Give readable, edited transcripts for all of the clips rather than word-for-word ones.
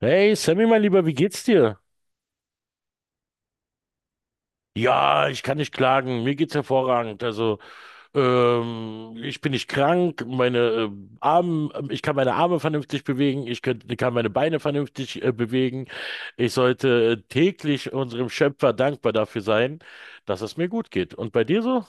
Hey Sammy, mein Lieber, wie geht's dir? Ja, ich kann nicht klagen. Mir geht's hervorragend. Also, ich bin nicht krank. Meine Arme, ich kann meine Arme vernünftig bewegen. Kann meine Beine vernünftig bewegen. Ich sollte täglich unserem Schöpfer dankbar dafür sein, dass es mir gut geht. Und bei dir so?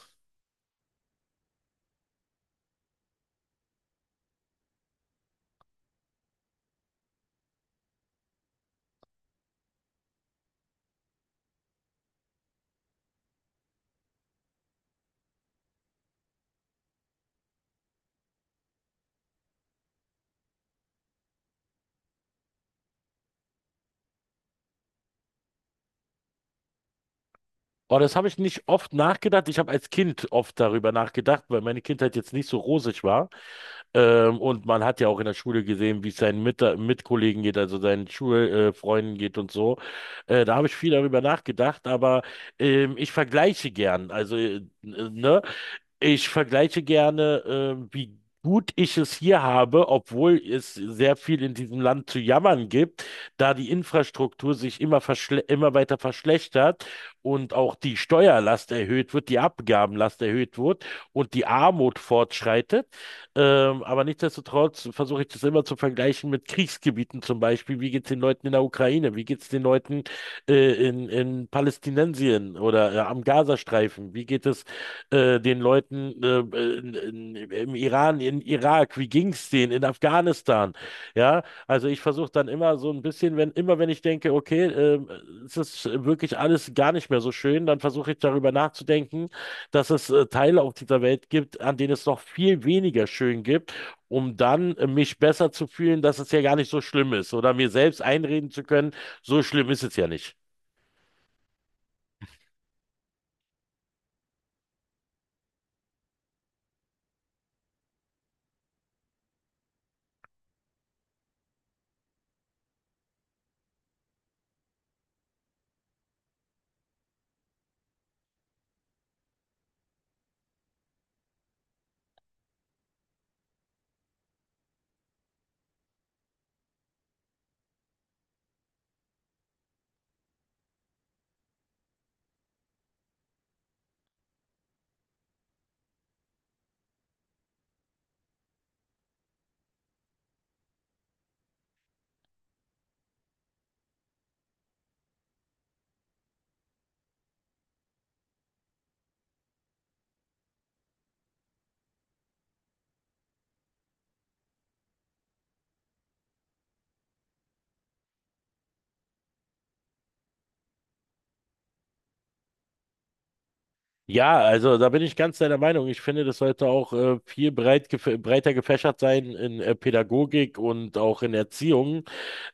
Oh, das habe ich nicht oft nachgedacht. Ich habe als Kind oft darüber nachgedacht, weil meine Kindheit jetzt nicht so rosig war. Und man hat ja auch in der Schule gesehen, wie es seinen Mitkollegen geht, also seinen Schulfreunden Freunden geht und so. Da habe ich viel darüber nachgedacht, aber ich vergleiche gern. Also, ne? Ich vergleiche gerne, wie gut ich es hier habe, obwohl es sehr viel in diesem Land zu jammern gibt, da die Infrastruktur sich immer weiter verschlechtert und auch die Steuerlast erhöht wird, die Abgabenlast erhöht wird und die Armut fortschreitet. Aber nichtsdestotrotz versuche ich das immer zu vergleichen mit Kriegsgebieten zum Beispiel. Wie geht es den Leuten in der Ukraine? Wie geht es den Leuten in Palästinensien oder am Gazastreifen? Wie geht es den Leuten im Iran, in Irak? Wie ging es denen in Afghanistan? Ja, also ich versuche dann immer so ein bisschen, wenn ich denke, okay, es ist wirklich alles gar nicht mehr so schön, dann versuche ich darüber nachzudenken, dass es Teile auf dieser Welt gibt, an denen es noch viel weniger schön gibt, um dann mich besser zu fühlen, dass es ja gar nicht so schlimm ist oder mir selbst einreden zu können, so schlimm ist es ja nicht. Ja, also da bin ich ganz deiner Meinung. Ich finde, das sollte auch viel breiter gefächert sein in Pädagogik und auch in Erziehung,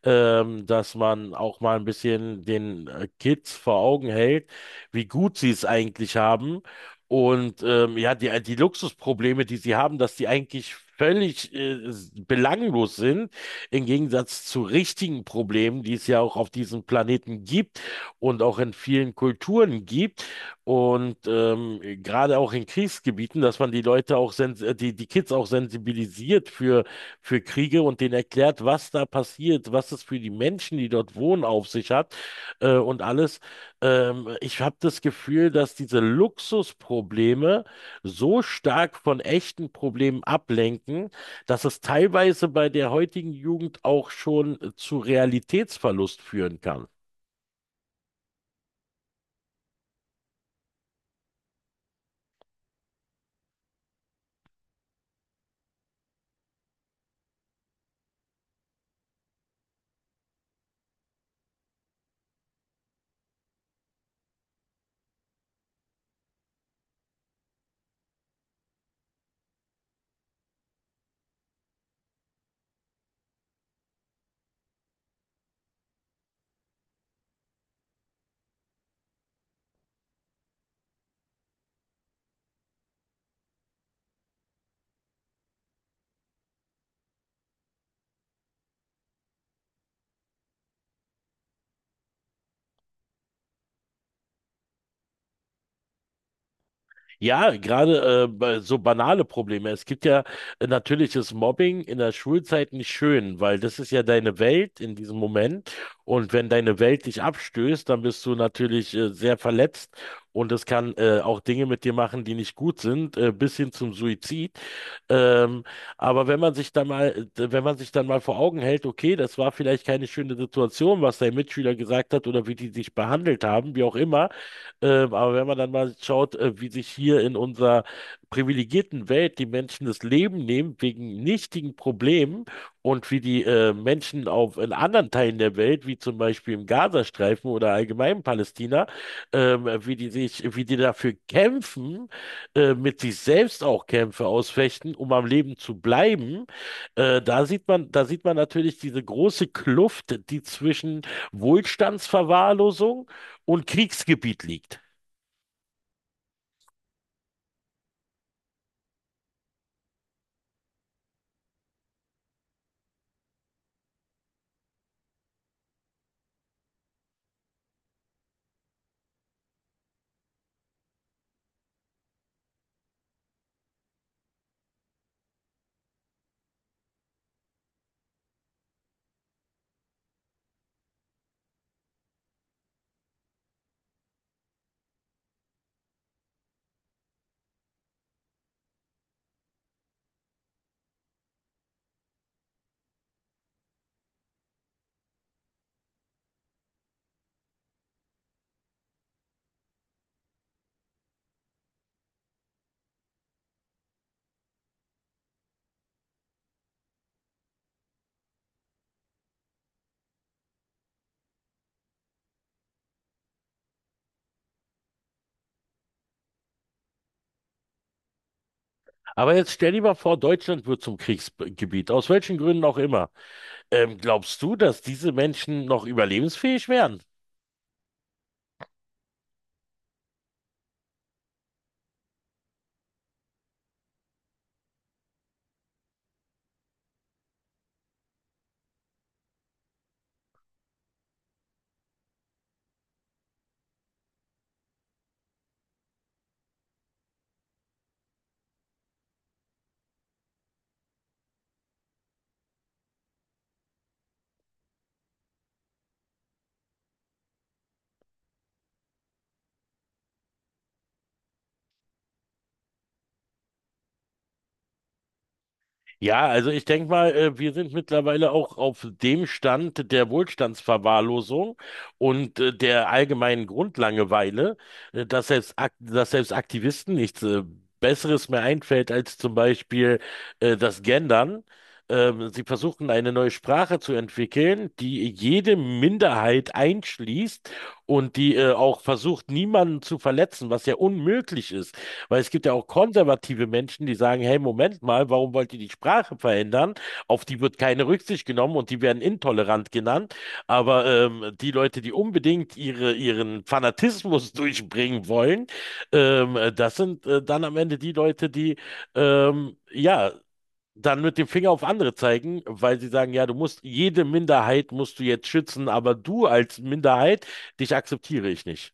dass man auch mal ein bisschen den Kids vor Augen hält, wie gut sie es eigentlich haben. Und ja, die Luxusprobleme, die sie haben, dass die eigentlich völlig belanglos sind, im Gegensatz zu richtigen Problemen, die es ja auch auf diesem Planeten gibt und auch in vielen Kulturen gibt. Und gerade auch in Kriegsgebieten, dass man die Leute auch, sens die Kids auch sensibilisiert für Kriege und denen erklärt, was da passiert, was es für die Menschen, die dort wohnen, auf sich hat und alles. Ich habe das Gefühl, dass diese Luxusprobleme so stark von echten Problemen ablenken, dass es teilweise bei der heutigen Jugend auch schon zu Realitätsverlust führen kann. Ja, gerade bei- so banale Probleme. Es gibt ja natürlich ist Mobbing in der Schulzeit nicht schön, weil das ist ja deine Welt in diesem Moment. Und wenn deine Welt dich abstößt, dann bist du natürlich sehr verletzt und es kann auch Dinge mit dir machen, die nicht gut sind, bis hin zum Suizid. Ähm, aber wenn man sich dann mal, wenn man sich dann mal vor Augen hält, okay, das war vielleicht keine schöne Situation, was dein Mitschüler gesagt hat oder wie die dich behandelt haben, wie auch immer. Aber wenn man dann mal schaut, wie sich hier in unserer privilegierten Welt die Menschen das Leben nehmen wegen nichtigen Problemen und wie die Menschen in anderen Teilen der Welt, wie zum Beispiel im Gazastreifen oder allgemein in Palästina, wie die dafür kämpfen, mit sich selbst auch Kämpfe ausfechten, um am Leben zu bleiben, da sieht man natürlich diese große Kluft, die zwischen Wohlstandsverwahrlosung und Kriegsgebiet liegt. Aber jetzt stell dir mal vor, Deutschland wird zum Kriegsgebiet, aus welchen Gründen auch immer. Glaubst du, dass diese Menschen noch überlebensfähig wären? Ja, also ich denke mal, wir sind mittlerweile auch auf dem Stand der Wohlstandsverwahrlosung und der allgemeinen Grundlangeweile, dass selbst, Ak dass selbst Aktivisten nichts Besseres mehr einfällt als zum Beispiel das Gendern. Sie versuchen eine neue Sprache zu entwickeln, die jede Minderheit einschließt und die auch versucht, niemanden zu verletzen, was ja unmöglich ist. Weil es gibt ja auch konservative Menschen, die sagen, hey, Moment mal, warum wollt ihr die Sprache verändern? Auf die wird keine Rücksicht genommen und die werden intolerant genannt. Aber die Leute, die unbedingt ihren Fanatismus durchbringen wollen, das sind dann am Ende die Leute, die ähm, ja dann mit dem Finger auf andere zeigen, weil sie sagen, ja, du musst jede Minderheit musst du jetzt schützen, aber du als Minderheit, dich akzeptiere ich nicht.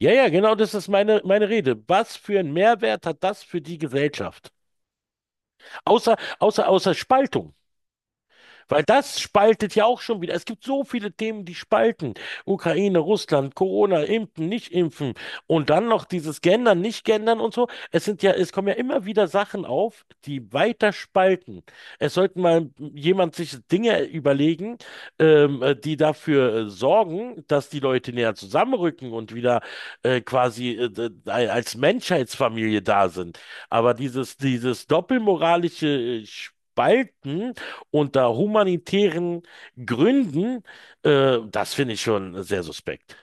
Ja, ja, genau das ist meine Rede. Was für einen Mehrwert hat das für die Gesellschaft? Außer Spaltung. Weil das spaltet ja auch schon wieder. Es gibt so viele Themen, die spalten. Ukraine, Russland, Corona, impfen, nicht impfen und dann noch dieses Gendern, nicht Gendern und so. Es kommen ja immer wieder Sachen auf, die weiter spalten. Es sollten mal jemand sich Dinge überlegen, die dafür sorgen, dass die Leute näher zusammenrücken und wieder quasi als Menschheitsfamilie da sind. Aber dieses doppelmoralische Spalten, unter humanitären Gründen, das finde ich schon sehr suspekt.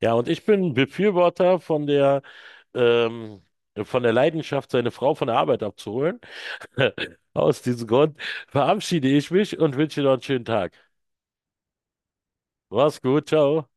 Ja, und ich bin Befürworter ähm, von der Leidenschaft, seine Frau von der Arbeit abzuholen. Aus diesem Grund verabschiede ich mich und wünsche dir noch einen schönen Tag. Mach's gut, ciao.